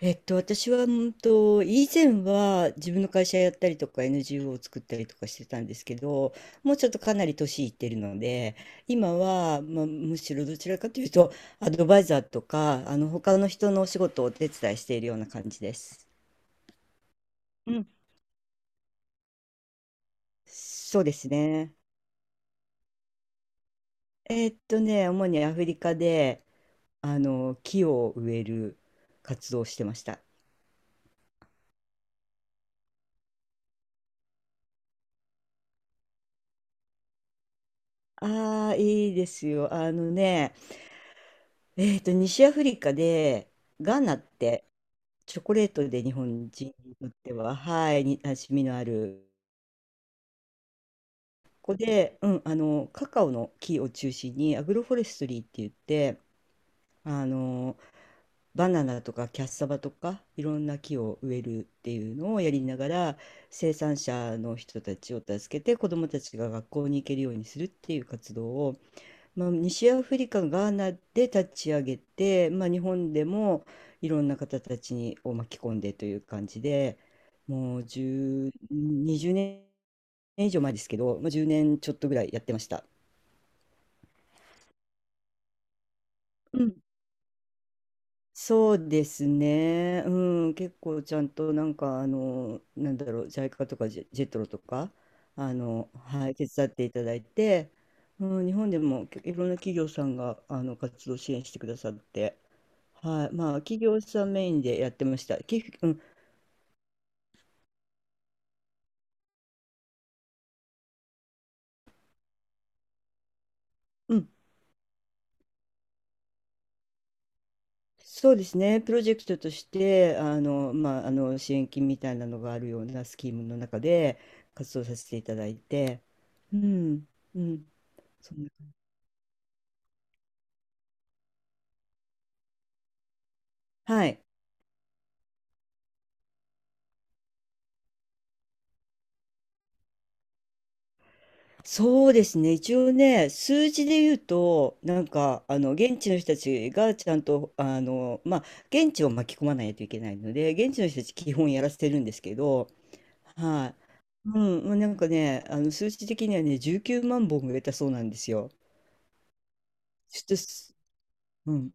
私は、以前は自分の会社やったりとか NGO を作ったりとかしてたんですけど、もうちょっとかなり年いってるので、今は、まあ、むしろどちらかというと、アドバイザーとか、他の人のお仕事をお手伝いしているような感じです。うん。そうですね。主にアフリカで、木を植える活動をしてました。ああ、いいですよ。西アフリカで、ガーナって、チョコレートで日本人にとっては、はい、に馴染みのある。ここで、カカオの木を中心に、アグロフォレストリーって言って、あの、バナナとかキャッサバとか、いろんな木を植えるっていうのをやりながら、生産者の人たちを助けて、子どもたちが学校に行けるようにするっていう活動を、まあ、西アフリカ、ガーナで立ち上げて、まあ、日本でもいろんな方たちにを巻き込んでという感じで、もう10、20年以上前ですけど、まあ、10年ちょっとぐらいやってました。うん、そうですね、結構ちゃんとなんかなんだろうジャイカとかジェトロとかはい、手伝っていただいて、うん、日本でもいろんな企業さんが活動支援してくださって、はい、まあ、企業さんメインでやってました。うん、うん、そうですね、プロジェクトとして、まあ、支援金みたいなのがあるようなスキームの中で活動させていただいて、うん、うん、そんなはい、そうですね、一応ね、数字で言うと、なんか、現地の人たちがちゃんと、現地を巻き込まないといけないので、現地の人たち、基本やらせてるんですけど、はい。うん、まあ、なんかね、数値的にはね、19万本植えたそうなんですよ。ちょっとす、うん、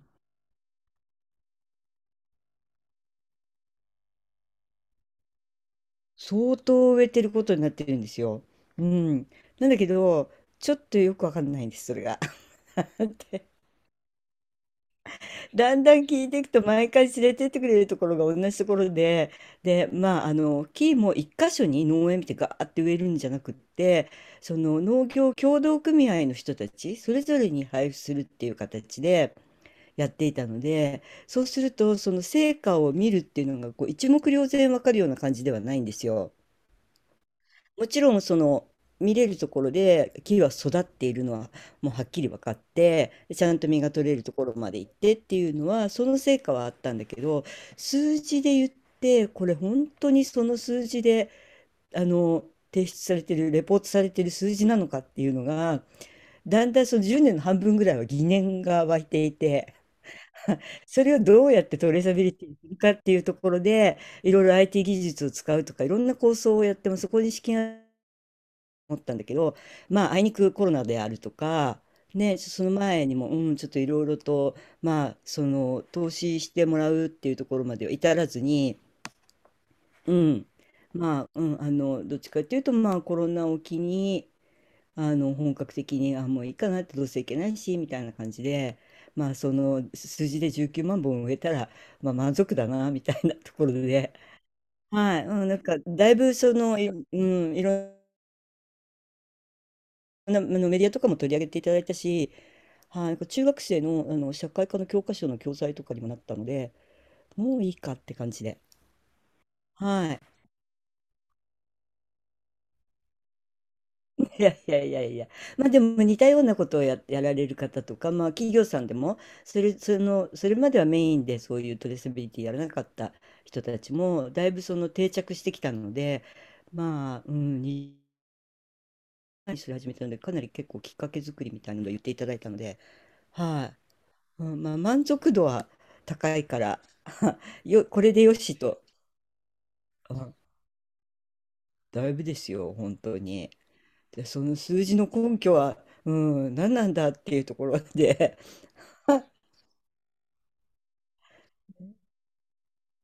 相当植えてることになってるんですよ。うん。なんだけど、ちょっとよくわかんないんです、それが。でだんだん聞いていくと、毎回連れてってくれるところが同じところで、で、まあ、木も一箇所に農園見てガーって植えるんじゃなくって、その農業協同組合の人たち、それぞれに配布するっていう形で、やっていたので、そうするとその成果を見るっていうのがこう一目瞭然わかるような感じではないんですよ。もちろんその見れるところで木は育っているのはもうはっきり分かって、ちゃんと実が取れるところまで行ってっていうのはその成果はあったんだけど、数字で言って、これ本当にその数字で、あの提出されてるレポートされてる数字なのかっていうのが、だんだんその10年の半分ぐらいは疑念が湧いていて。それをどうやってトレーサビリティにするかっていうところで、いろいろ IT 技術を使うとか、いろんな構想をやっても、そこに資金が持ったんだけど、まあ、あいにくコロナであるとか、ね、その前にも、ちょっといろいろと、まあ、その、投資してもらうっていうところまでは至らずに、うん、どっちかっていうと、まあ、コロナを機に、本格的に、もういいかなって、どうせいけないしみたいな感じで、まあその数字で19万本植えたら、まあ、満足だなみたいなところで、はい、なんかだいぶそのいろんなまあのメディアとかも取り上げていただいたし、はい、なんか中学生の、社会科の教科書の教材とかにもなったのでもういいかって感じで。はい。いやいやいやいや、まあでも似たようなことをやられる方とか、まあ企業さんでも、それまではメインでそういうトレーサビリティやらなかった人たちも、だいぶその定着してきたので、まあ、それ始めたので、かなり結構きっかけ作りみたいなのを言っていただいたので、はい、うん、まあ満足度は高いから、これでよしと、うん、だいぶですよ、本当に。で、その数字の根拠は、何なんだっていうところで、 あ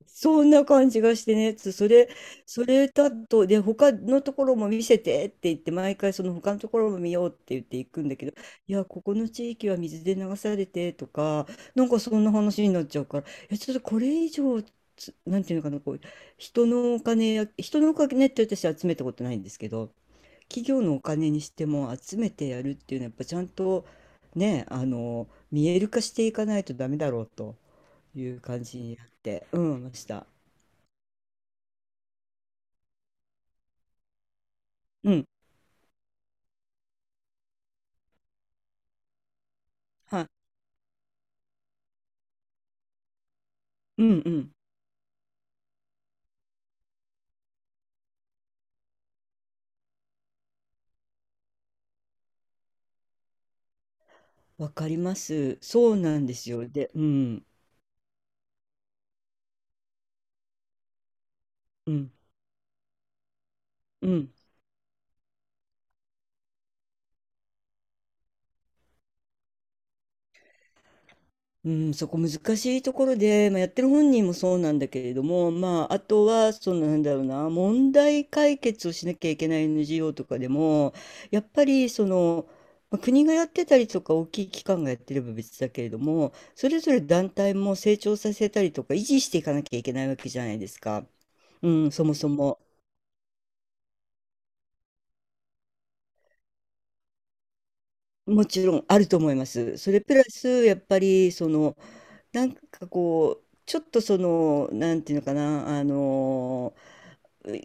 そんな感じがしてね、それ、それだと、で、他のところも見せてって言って、毎回その他のところも見ようって言って行くんだけど、いや、ここの地域は水で流されてとか、なんかそんな話になっちゃうから、ちょっとこれ以上、なんていうのかな、こう、人のお金って私集めたことないんですけど、企業のお金にしても集めてやるっていうのは、やっぱちゃんとね、見える化していかないとダメだろうと。いう感じになって、ました。うん、はい、うんうん、わかります。そうなんですよ。で、うん、うん、うん、そこ難しいところで、まあ、やってる本人もそうなんだけれども、まあ、あとは、そのなんだろうな、問題解決をしなきゃいけない NGO とかでも、やっぱりその、まあ国がやってたりとか大きい機関がやってれば別だけれども、それぞれ団体も成長させたりとか維持していかなきゃいけないわけじゃないですか。うん、そもそも。もちろんあると思います。それプラス、やっぱり、その、なんかこう、ちょっとその、なんていうのかな、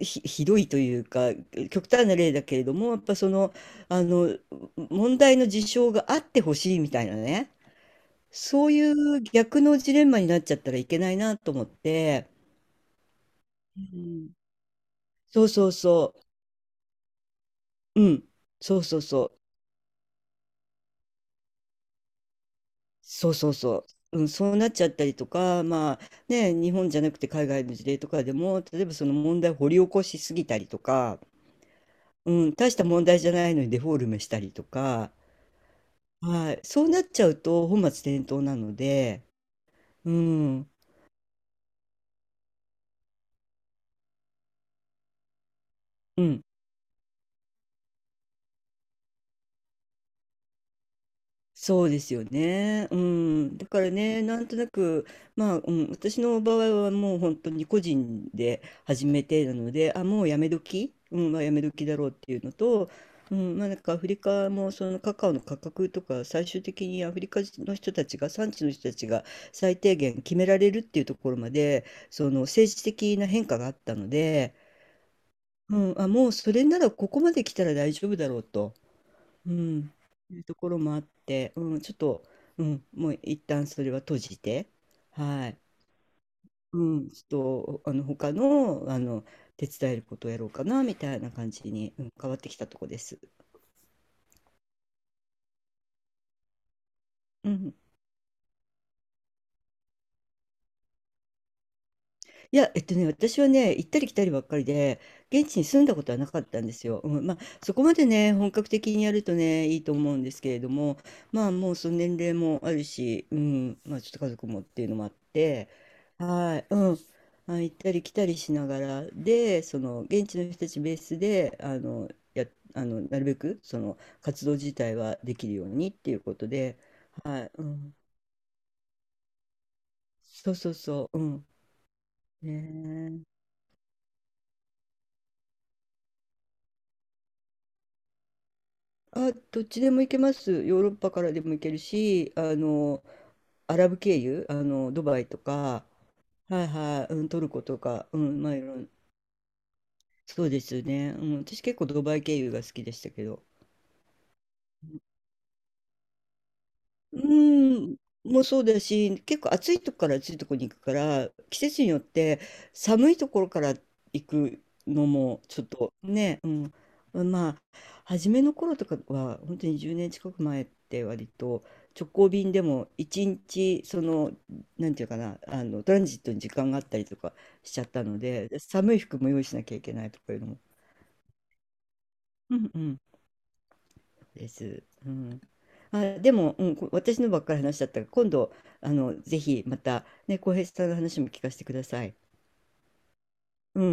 ひどいというか、極端な例だけれども、やっぱその、あの、問題の事象があってほしいみたいなね、そういう逆のジレンマになっちゃったらいけないなと思って、うん、そうそうそう、うん、そうそうそう。そうそうそう、そうなっちゃったりとか、まあね、日本じゃなくて海外の事例とかでも、例えばその問題を掘り起こしすぎたりとか、うん、大した問題じゃないのにデフォルメしたりとか、はい、そうなっちゃうと本末転倒なので、うん、うん、そうですよね。うん。だからね、なんとなく、まあ、私の場合はもう本当に個人で始めてなので、もうやめ時、まあやめ時だろうっていうのと、うん、まあなんかアフリカもそのカカオの価格とか最終的にアフリカの人たちが産地の人たちが最低限決められるっていうところまでその政治的な変化があったので、もうそれならここまで来たら大丈夫だろうと。うん、いうところもあって、うん、ちょっと、うん、もう一旦それは閉じて、はい、うん、ちょっと、他の、手伝えることをやろうかな、みたいな感じに、変わってきたとこです。うん、いや、私はね、行ったり来たりばっかりで、現地に住んだことはなかったんですよ。うん、まあ、そこまでね、本格的にやるとね、いいと思うんですけれども、まあ、もうその年齢もあるし、まあ、ちょっと家族もっていうのもあって、はい、まあ、行ったり来たりしながら、で、その、現地の人たちベースで、あの、や、あの、なるべく、その、活動自体はできるようにっていうことで、はい、うん、そうそうそう、うん、ねえ。あ、どっちでも行けます。ヨーロッパからでも行けるし、アラブ経由、ドバイとか、はいはい、トルコとか、まあ、いろいろ。そうですね。うん、私結構ドバイ経由が好きでしたけど。うーん、もうそうだし、結構暑いとこから暑いとこに行くから、季節によって寒いところから行くのもちょっとね、まあ、初めの頃とかは、本当に10年近く前って割と直行便でも1日、その、なんていうかな、トランジットに時間があったりとかしちゃったので、寒い服も用意しなきゃいけないとかいうのも。うんうん。です。うん、でも、私のばっかり話しちゃったから、今度、ぜひまた、ね、浩平さんの話も聞かせてください。うん